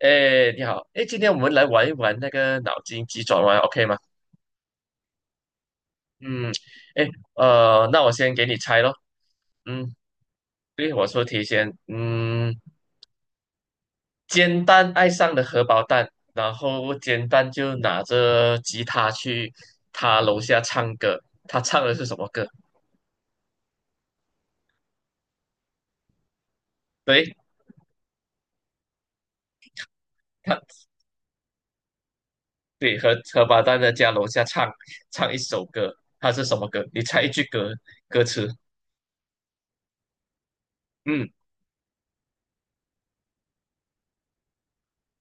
哎，你好，哎，今天我们来玩一玩那个脑筋急转弯，OK 吗？嗯，哎，那我先给你猜咯。嗯，对，我说提前，煎蛋爱上了荷包蛋，然后煎蛋就拿着吉他去他楼下唱歌。他唱的是什么歌？对，他对荷包蛋的家楼下唱一首歌，他是什么歌？你猜一句歌词。嗯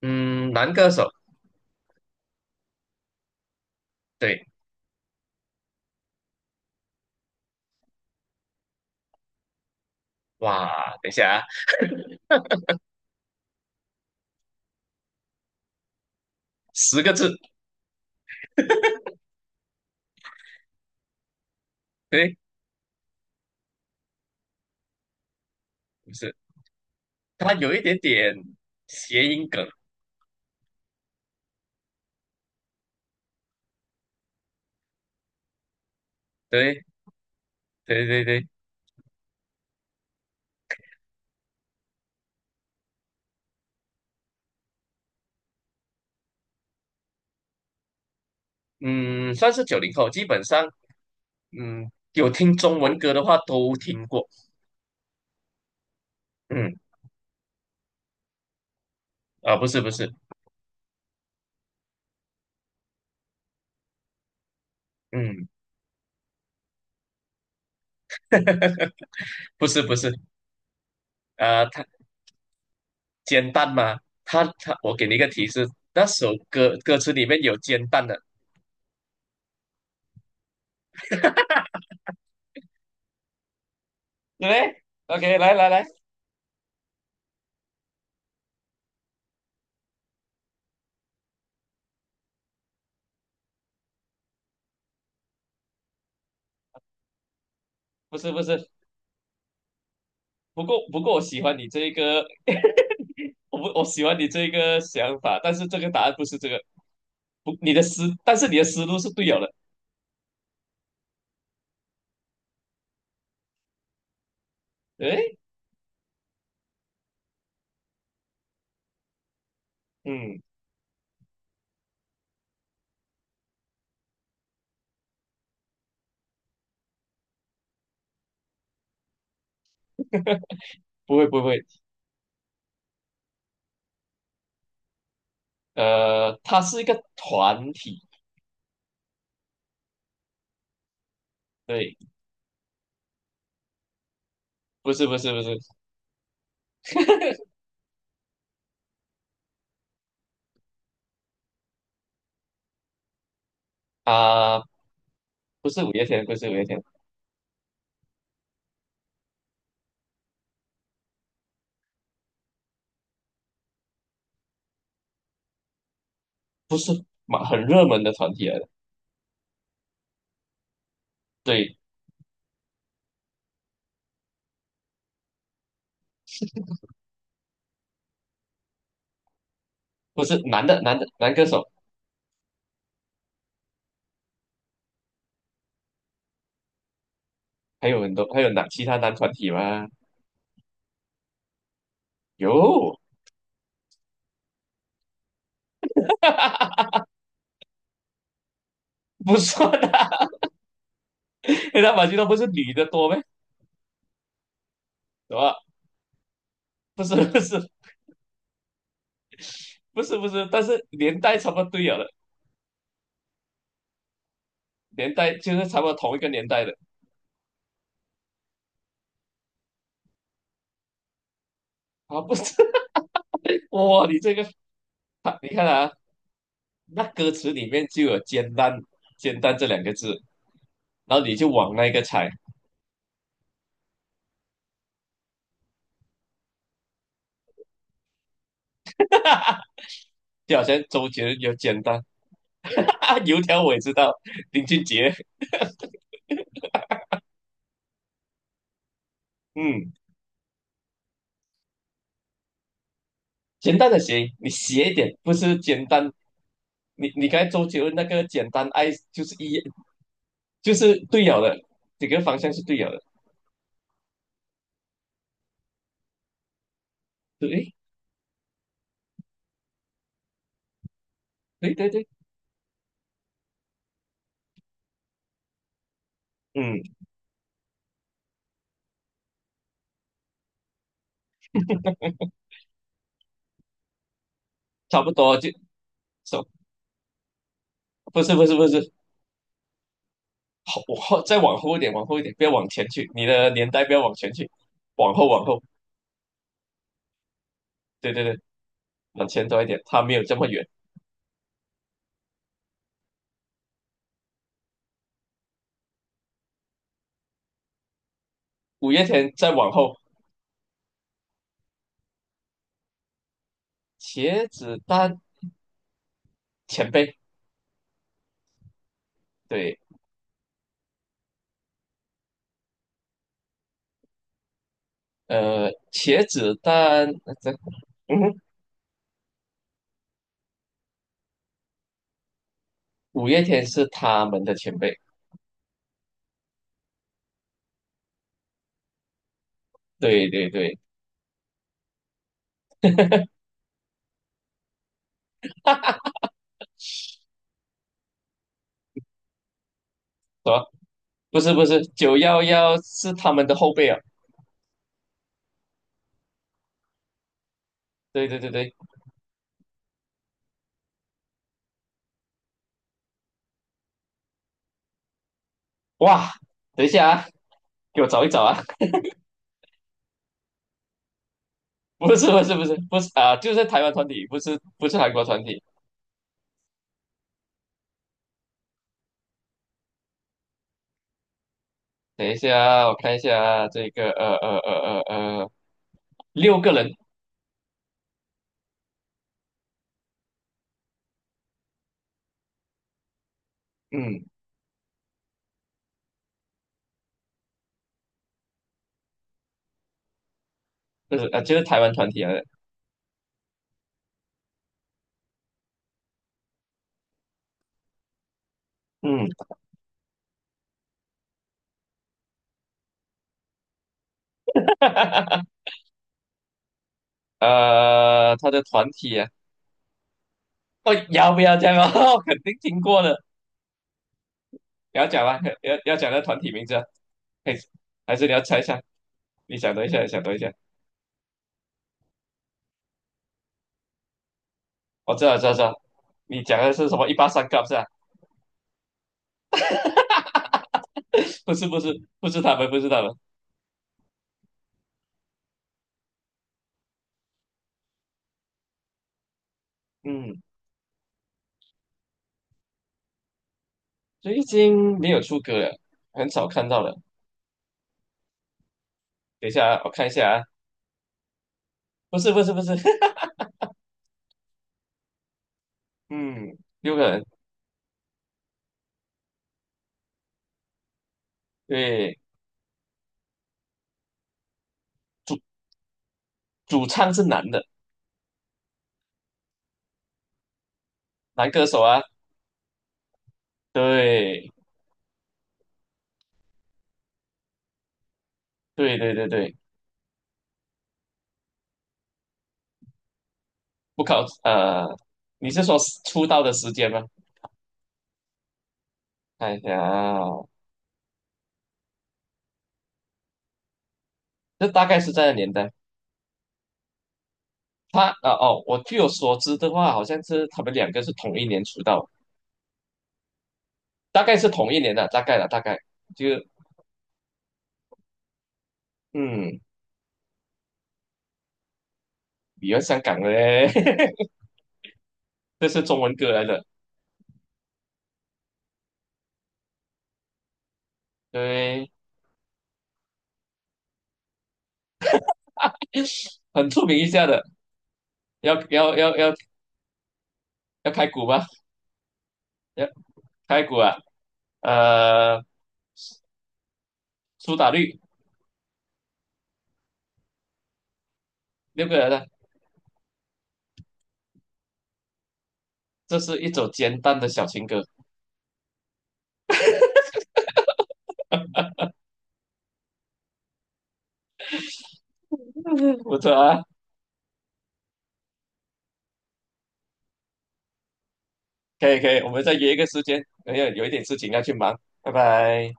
嗯，男歌手。对，哇，等一下啊，10个字。对，不是，它有一点点谐音梗，对，对对对，嗯，算是90后，基本上，嗯，有听中文歌的话都听过，嗯，啊，不是不是，嗯，不是不是，啊，它煎蛋吗？它，我给你一个提示，那首歌歌词里面有煎蛋的，对不对？OK，来来来，不是不是，不过我喜欢你这一个，我不我喜欢你这一个想法，但是这个答案不是这个。不，你的思，但是你的思路是对了的。诶，嗯，不会不会，他是一个团体，对，不是不是不是 啊、不是五月天，不是五月天，不是蛮很热门的团体来的，对，不是男的男歌手，还有很多还有男其他男团体吗？有，不算啊，黑道马俊团不是女的多呗，什么？不是不是不是不是，但是年代差不多对了的，年代就是差不多同一个年代的啊，不是 哇，你这个它你看啊，那歌词里面就有"煎蛋""煎蛋"这两个字，然后你就往那个猜，就好像周杰伦有"煎蛋"，油条我也知道，林俊杰，嗯，"煎蛋"的谐音，你斜一点，不是"简单"？你刚才周杰伦那个"简单爱"就是一就是对了的，整个方向是对了的，对对对对，嗯，差不多就走，so，不是不是不是，后再往后一点，往后一点，不要往前去，你的年代不要往前去，往后往后。对对对，往前走一点，它没有这么远。五月天再往后，茄子蛋前辈，对，茄子蛋，这嗯哼，五月天是他们的前辈，对对对，什么不是不是，911是他们的后辈啊，对对对对，哇，等一下啊，给我找一找啊，不是不是不是不是啊，就是台湾团体，不是不是韩国团体，等一下啊我看一下啊这个呃，六个人，嗯。就是啊，就是台湾团体啊，嗯，他的团体啊，哦，要不要这样啊？我肯定听过的，你要讲吗？要讲那团体名字啊，还是你要猜一下？你想多一下，你想多一下，我知道，知道，知道，你讲的是什么？183 Cup 是吧？不是，不是，不是他们，不是他们，嗯，最近没有出歌了，很少看到了。等一下啊，我看一下啊，不是，不是，不是，嗯，六个人，对，主唱是男的，男歌手啊，对。对对对对，不考，你是说出道的时间吗？看一下啊，这大概是在的年代。他啊哦，我据我所知的话，好像是他们两个是同一年出道，大概是同一年的，大概了，大概就嗯，比较香港的嘞，这是中文歌来的，对，很出名一下的，要要要要要开鼓吗？要开鼓啊，呃，苏打绿六个人的，这是一首简单的小情歌，不错啊。可以可以，我们再约一个时间，哎呀，有一点事情要去忙，拜拜。